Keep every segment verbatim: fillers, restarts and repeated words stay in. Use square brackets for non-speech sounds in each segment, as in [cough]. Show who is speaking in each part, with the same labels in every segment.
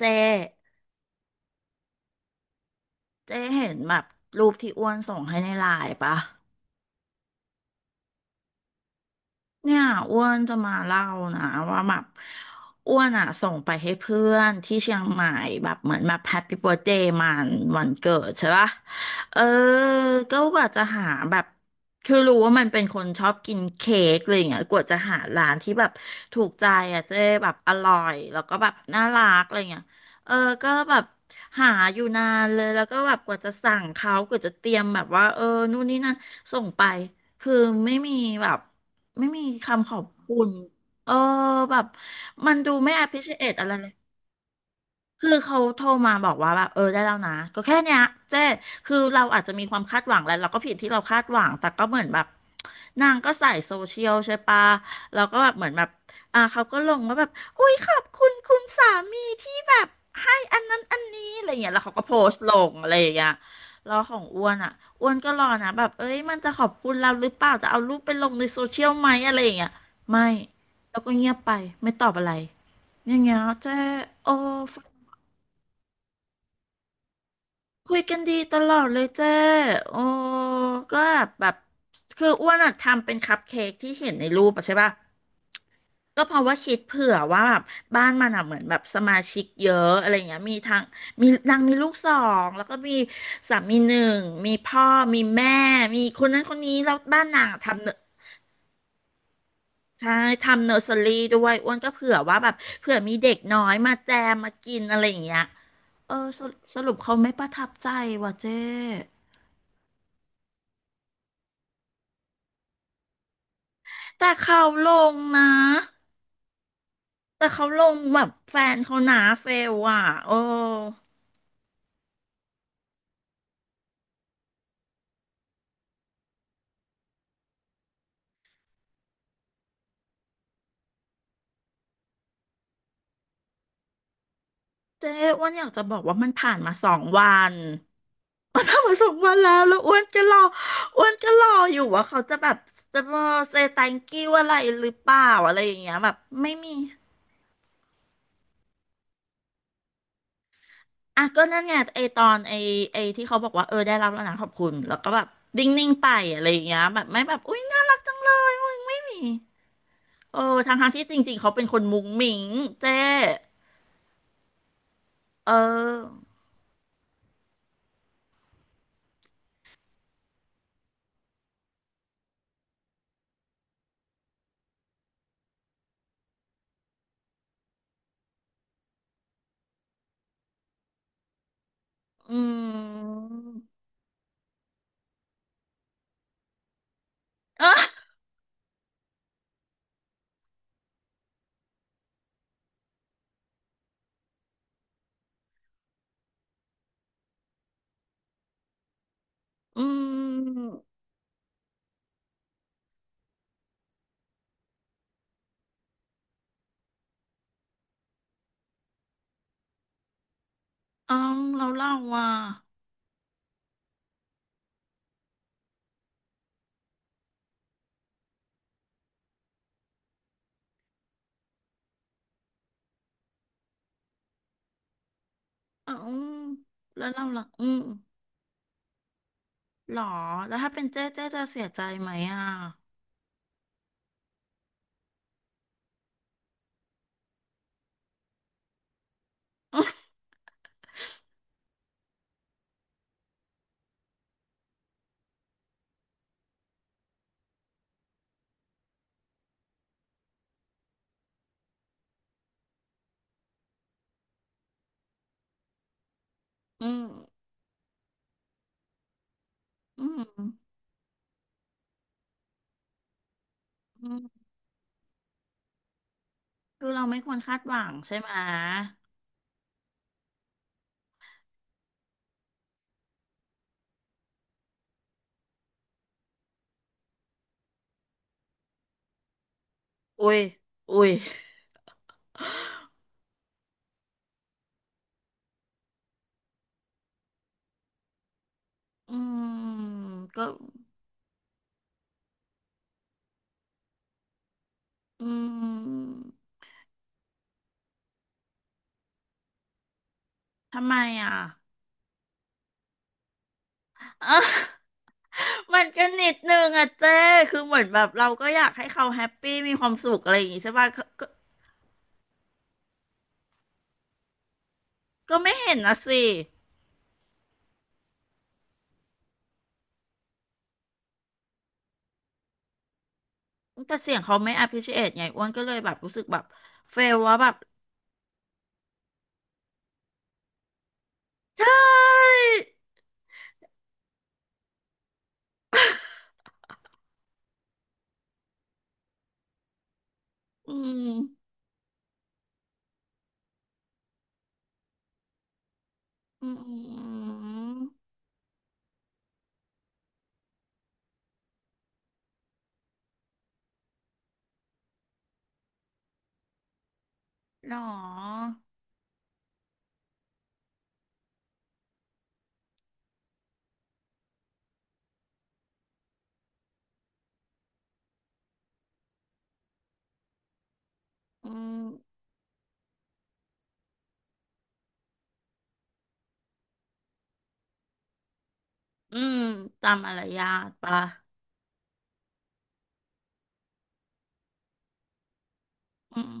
Speaker 1: เจ๊เจ๊เห็นแบบรูปที่อ้วนส่งให้ในไลน์ปะ เนี่ยอ้วนจะมาเล่านะว่าแบบอ้วนอ่ะส่งไปให้เพื่อนที่เชียงใหม่แบบเหมือนแบบแฮปปี้เบิร์ธเดย์มันวันเกิดใช่ปะเออก็กว่าจะหาแบบคือรู้ว่ามันเป็นคนชอบกินเค้กอะไรอย่างเงี้ยกว่าจะหาร้านที่แบบถูกใจอ่ะเจ๊แบบอร่อยแล้วก็แบบน่ารักอะไรอย่างเงี้ยเออก็แบบหาอยู่นานเลยแล้วก็แบบกว่าจะสั่งเขากว่าจะเตรียมแบบว่าเออนู่นนี่นั่นส่งไปคือไม่มีแบบ ไม่มีคำขอบคุณ เออ แบบ มันดูไม่ appreciate อะไรเลย คือเขาโทรมาบอกว่าแบบเออได้แล้วนะก็แค่เนี้ยเจ๊คือเราอาจจะมีความคาดหวังแหละเราก็ผิดที่เราคาดหวังแต่ก็เหมือนแบบนางก็ใส่โซเชียลใช่ปะเราก็แบบเหมือนแบบอ่าเขาก็ลงว่าแบบอุ้ยขอบคุณคุณสามีที่แบบให้อันนั้นอันนี้อะไรอย่างเงี้ยแล้วเขาก็โพสต์ลงอะไรอย่างเงี้ยแล้วของอ้วนอ่ะอ้วนก็รอนะแบบเอ้ยมันจะขอบคุณเราหรือเปล่าจะเอารูปไปลงในโซเชียลไหมอะไรอย่างเงี้ยไม่แล้วก็เงียบไปไม่ตอบอะไรอย่างเงี้ยเจ๊โอ้ คุยกันดีตลอดเลยเจ้โอ้ก็แบบคืออ้วนอะทำเป็นคัพเค้กที่เห็นในรูปอะใช่ป่ะ ก็เพราะว่าคิดเผื่อว่าแบบบ้านมันอะเหมือนแบบสมาชิกเยอะอะไรเงี้ยมีทั้งมีนางมีลูกสองแล้วก็มีสามีหนึ่งมีพ่อมีแม่มีคนนั้นคนนี้แล้วบ้านนางอะทำเนใช่ทำเนอร์เซอรี่ด้วยอ้วนก็เผื่อว่าแบบเผื่อมีเด็กน้อยมาแจมมากินอะไรอย่างเงี้ยเออสรุปสรุปเขาไม่ประทับใจว่ะเจ้ แต่เขาลงนะ แต่เขาลงแบบแฟนเขาหนาเฟลอ่ะโอ้เจ๊อ้วนอยากจะบอกว่ามันผ่านมาสองวันมันผ่านมาสองวันแล้วแล้วอ้วนก็รออ้วนก็รออยู่ว่าเขาจะแบบจะมาเซตังกิ้วอะไรหรือเปล่าอะไรอย่างเงี้ยแบบไม่มีอ่ะก็นั่นไงไอตอนไอไอที่เขาบอกว่าเออได้รับแล้วนะขอบคุณแล้วก็แบบนิ่งๆไปอะไรอย่างเงี้ยแบบไม่แบบอุ้ยน่ารักจังเลยอุ้ยไม่มีเออทั้งๆที่จริงๆเขาเป็นคนมุ้งมิ้งเจ๊ เอออืมอ่ะอืมเอาเราเล่าว่าเอาอืมแล้วเล่าล่ะอืมหรอแล้วถ้าเป็นเจ๊เจ๊จะเสียใจไหมอ่ะอืมอืมอืมคือเราไม่ควรคาดหวังใช่ไหมอุ้ยอุ้ยอืมก็อืมทำไมอ่ะอ่ะ [laughs] มันก็นิดนึงอะเจ้คือเหมือนแบบเราก็อยากให้เขาแฮปปี้มีความสุขอะไรอย่างงี้ใช่ป่ะ ก็ไม่เห็นนะสิ แต่เสียงเขาไม่ appreciate ไงอ้วนก็เลยแบบรู้สึกแบบเฟลว่าแบบใช่อืมอืมหรออืมอืมตามมารยาทปะอืม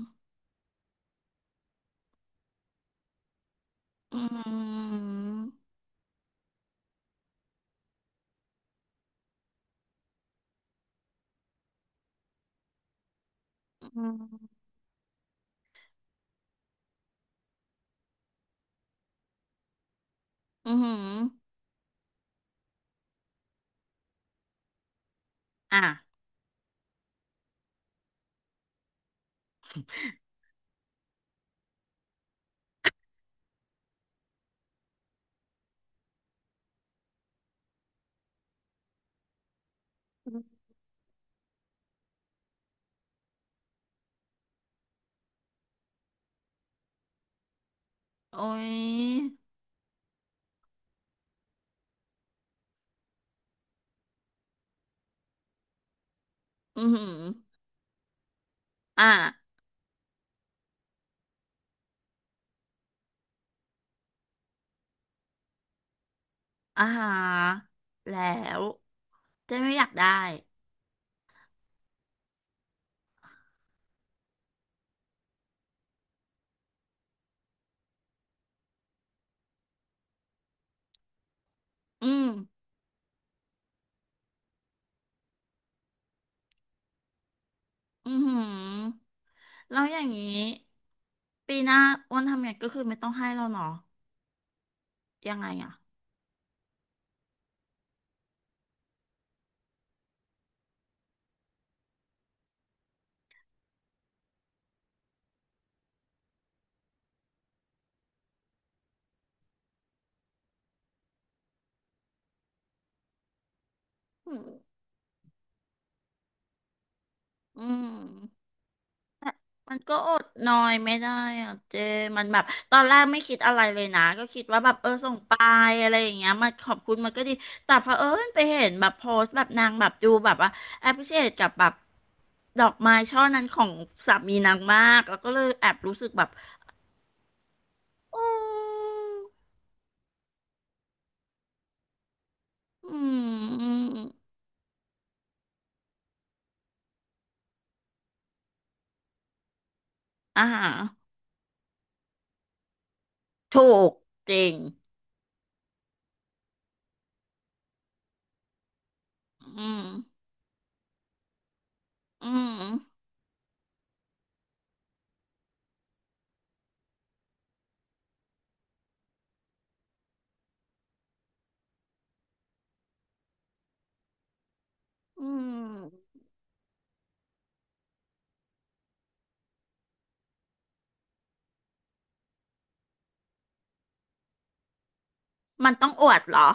Speaker 1: อืมอืมอืมอ่ะโอ้ยอืมอ่ะอาหารแล้วเจ๊ไม่อยากได้อืม อือหือแล้วอย่างนี้ปีหน้าอ้วนทำไงก็คือไม่ต้องให้เราเนาะยังไงอ่ะอืมอืมแต่มันก็อดนอยไม่ได้อ่ะเจมันแบบตอนแรกไม่คิดอะไรเลยนะก็คิดว่าแบบเออส่งไปอะไรอย่างเงี้ยมาขอบคุณมันก็ดีแต่พอเผอิญไปเห็นแบบโพสต์แบบนางแบบดูแบบว่าแอปพิเศษกับแบบดอกไม้ช่อนั้นของสามีนางมากแล้วก็เลยแอบรู้สึกแบบอืมอืมอ่า ถูกจริงอืมอืมอืมมันต้องอวดเหรอ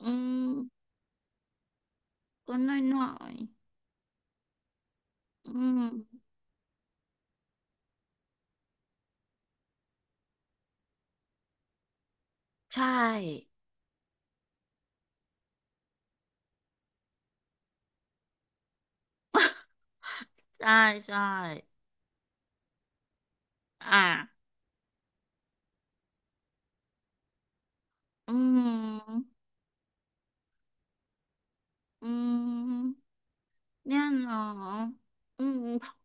Speaker 1: อืมก็น้อยหน่อยอืมใช่ ใช่ใช่อ่ะอืมอืมเนี่ยเนาะอืม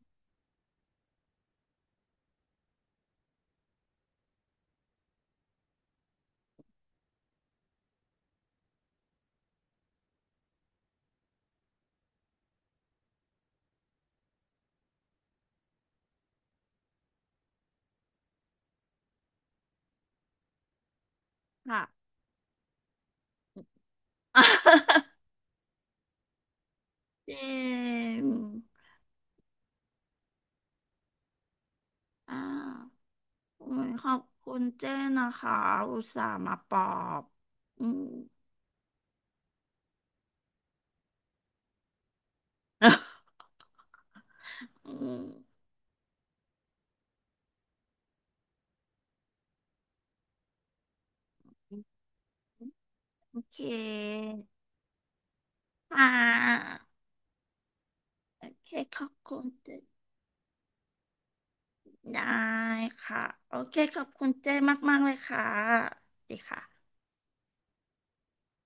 Speaker 1: ค่ะ [laughs] เจงอ่าโอ้ยขอบคุณเจ้นะคะ อุตส่าห์มาปลอบ อืม [laughs] อืมโอเค อ่าโอเคขอบคุณเจได้ค่ะโอเคขอบคุณเจมากๆเลยค่ะดีค่ะ